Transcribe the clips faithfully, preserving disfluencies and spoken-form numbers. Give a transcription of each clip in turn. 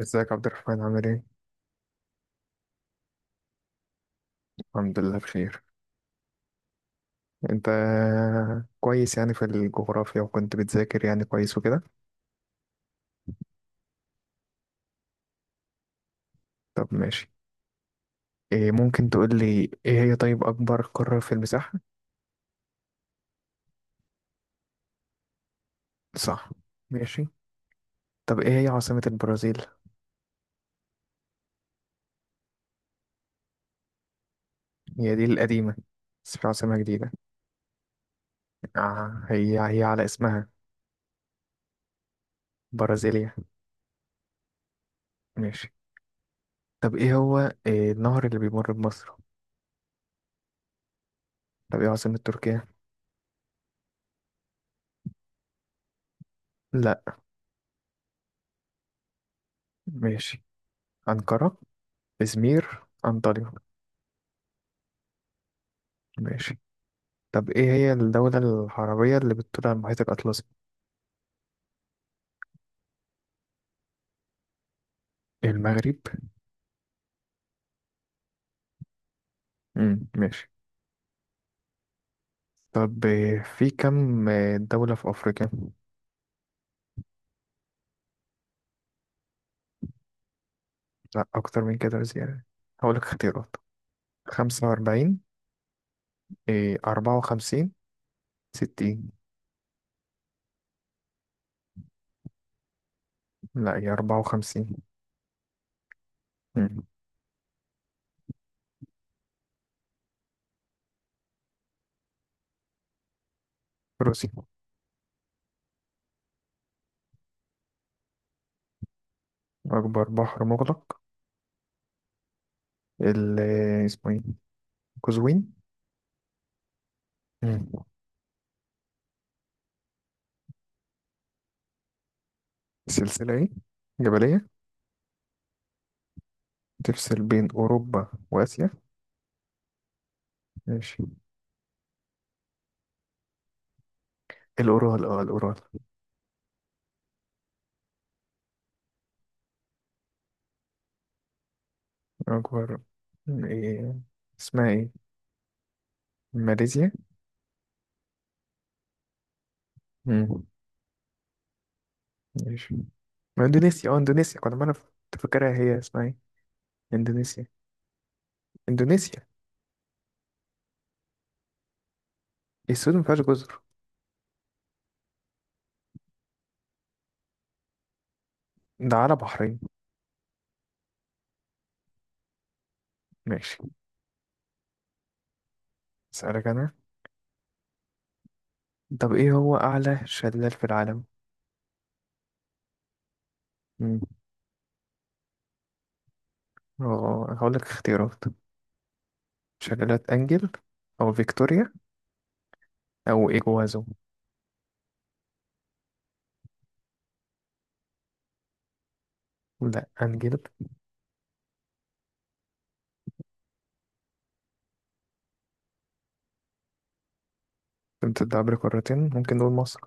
ازيك عبد الرحمن، عامل ايه؟ الحمد لله بخير. انت؟ كويس، يعني في الجغرافيا، وكنت بتذاكر يعني كويس وكده. طب ماشي. إيه، ممكن تقول لي ايه هي، طيب، اكبر قارة في المساحة؟ صح. ماشي. طب ايه هي عاصمة البرازيل؟ هي دي القديمة، بس في عاصمة جديدة. آه، هي هي على اسمها. برازيليا. ماشي. طب ايه هو إيه النهر اللي بيمر بمصر؟ طب ايه عاصمة تركيا؟ لا. ماشي. أنقرة. إزمير، أنطاليا. ماشي. طب إيه هي الدولة العربية اللي بتطل على المحيط الأطلسي؟ المغرب. امم ماشي. طب آه، في كم آه، دولة في أفريقيا؟ لا، أكتر من كده بزيادة. هقولك اختيارات. خمسة وأربعين. إيه، أربعة وخمسين. ستين. لا، هي أربعة وخمسين. امم. روسيا. أكبر بحر مغلق. ال آه، اسمه إيه؟ قزوين. مم. سلسلة إيه؟ جبلية. تفصل بين أوروبا وآسيا. ماشي. الأورال، اه الأورال. أكبر، إيه، اسمها إيه؟ ماليزيا؟ مم. ماشي. ما إندونيسيا، أه إندونيسيا، كنت عمال كنت فاكرها، هي اسمها إيه؟ إندونيسيا. إندونيسيا. السود مفيهاش جزر. ده على بحرين. ماشي. أسألك أنا. طب إيه هو أعلى شلال في العالم؟ مم. أه، هقولك اختيارات. شلالات أنجل، أو فيكتوريا، أو إيجوازو. لا، أنجل. تمتد عبر قارتين، ممكن نقول مصر.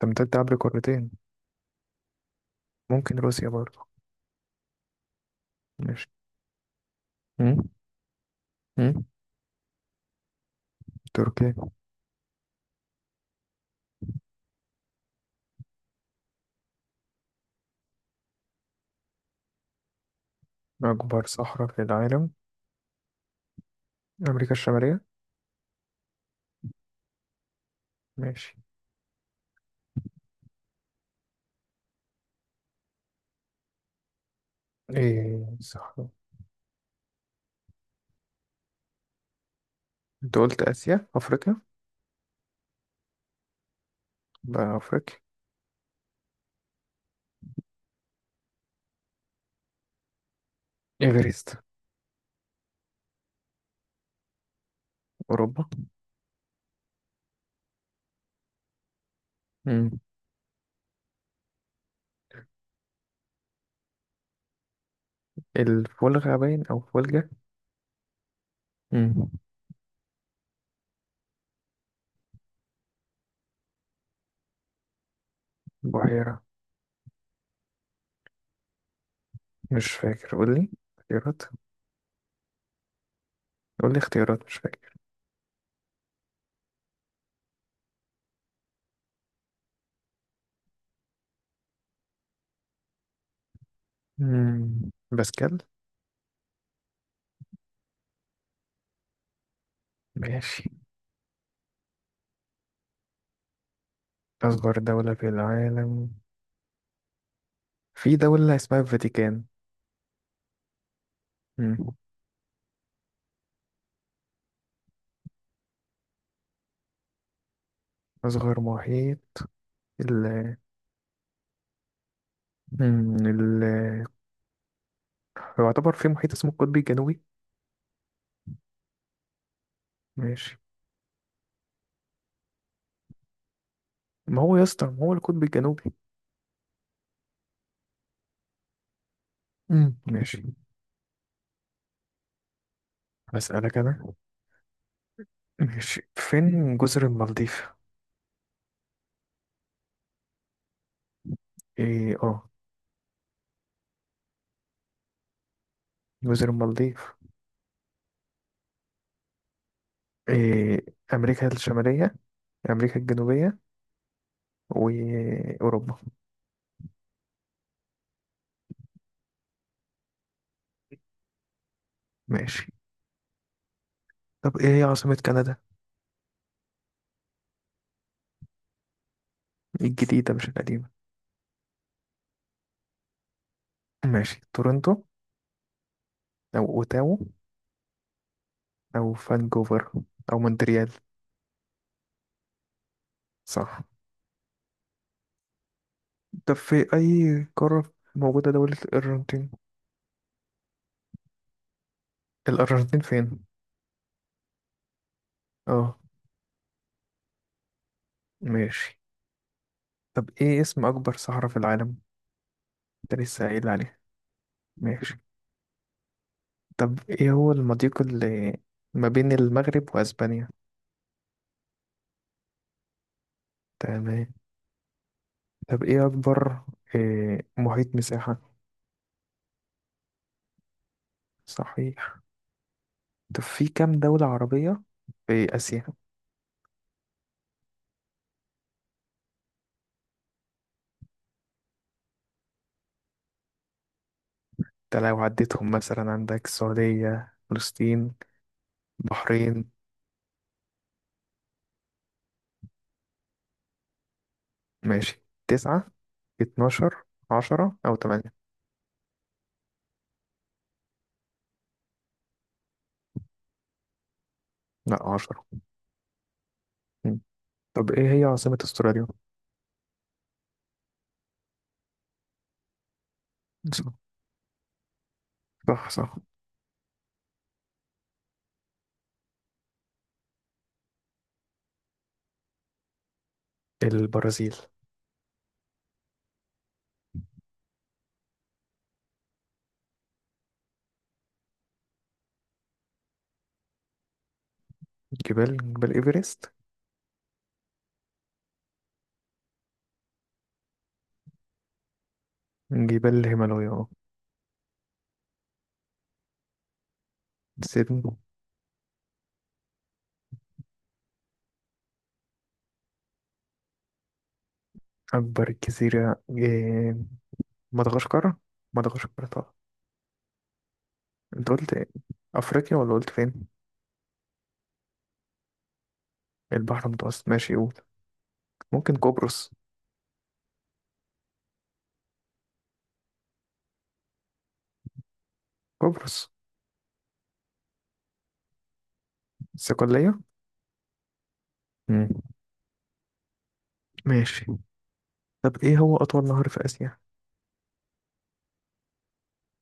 تمتد عبر قارتين، ممكن روسيا برضه. ماشي. مم. مم. تركيا. أكبر صحراء في العالم. أمريكا الشمالية. ماشي. إيه، صحراء. أنت قلت آسيا، أفريقيا. بقى أفريقيا. إيفرست. أوروبا. مم. الفولغة باين أو فولجة. مم. بحيرة. مش فاكر، قول لي اختيارات. قول لي اختيارات، مش فاكر. مم. باسكال. ماشي. أصغر دولة في العالم. في دولة اسمها الفاتيكان. مم. أصغر محيط. ال... مم. ال... هو يعتبر في محيط اسمه القطبي الجنوبي. ماشي. ما هو يا اسطى، ما هو القطب الجنوبي. امم ماشي. أسألك أنا. ماشي، فين جزر المالديف؟ إيه، آه. جزر المالديف. إيه. أمريكا الشمالية، أمريكا الجنوبية، وأوروبا. ماشي. طب إيه هي عاصمة كندا؟ الجديدة مش القديمة. ماشي، تورنتو، أو أوتاوا، أو فانكوفر، أو مونتريال. صح. طب في أي قارة موجودة دولة الأرجنتين؟ الأرجنتين فين؟ آه. ماشي. طب إيه اسم أكبر صحراء في العالم؟ انت لسه قايل عليه. ماشي. طب ايه هو المضيق اللي ما بين المغرب واسبانيا. تمام. طب ايه اكبر، إيه محيط مساحة؟ صحيح. طب في كام دولة عربية في اسيا؟ انت لو عديتهم مثلا عندك السعودية، فلسطين، بحرين. ماشي. تسعة. اتناشر. عشرة او تمانية. لا، عشرة. مم. طب ايه هي عاصمة استراليا؟ صح. صح. صح. البرازيل. جبال جبال ايفرست. جبال الهيمالايا، اه. سيدني. أكبر جزيرة، إيه؟ مدغشقر. مدغشقر طبعا. أنت قلت إيه؟ أفريقيا، ولا قلت فين؟ البحر المتوسط، ماشي، قول. ممكن قبرص. قبرص. الصقلية. مم. ماشي. طب إيه هو أطول نهر في آسيا؟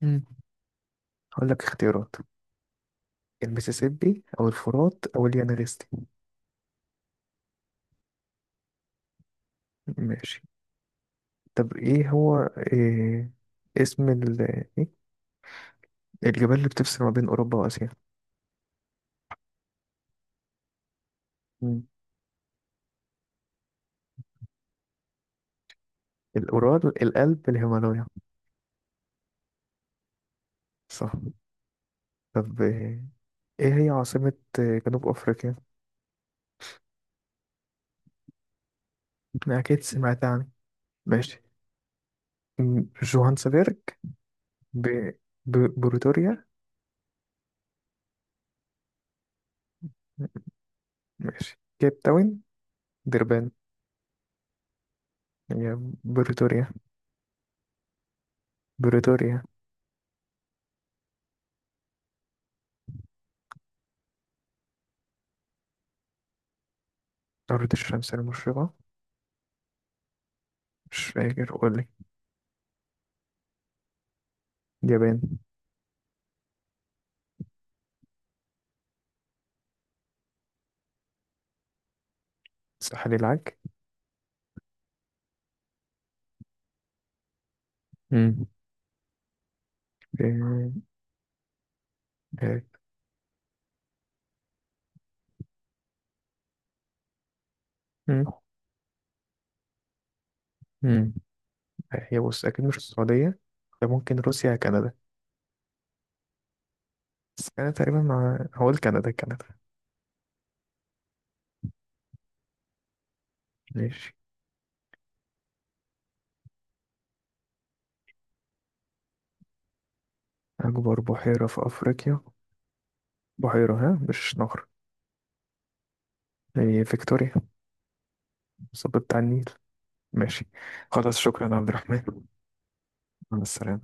مم. هقول لك اختيارات. المسيسيبي، أو الفرات، أو اليانغستي. ماشي. طب إيه هو، إيه اسم ال إيه؟ الجبال اللي بتفصل ما بين أوروبا وآسيا؟ مم. الأورال، القلب، الهيمالايا. صح. طب، آه، ايه هي عاصمة آه، جنوب افريقيا؟ اكيد سمعت عنها. ماشي. م- جوهانسبرج. ب... ب... بريتوريا. ماشي، كيب تاون، دربان. هي بريتوريا. بريتوريا. أرض الشمس المشرقة. مش فاكر، قولي. اليابان. ساحل العاج. مم. إيه. إيه. مم. مم. هي، بص، أكيد مش السعودية. ده ممكن روسيا يا كندا. بس أنا تقريبا، مع هقول كندا، كندا. ماشي. أكبر بحيرة في أفريقيا. بحيرة، ها، مش نهر. هي فيكتوريا. الصوت بتاع النيل. ماشي. خلاص، شكرا يا عبد الرحمن. مع السلامة.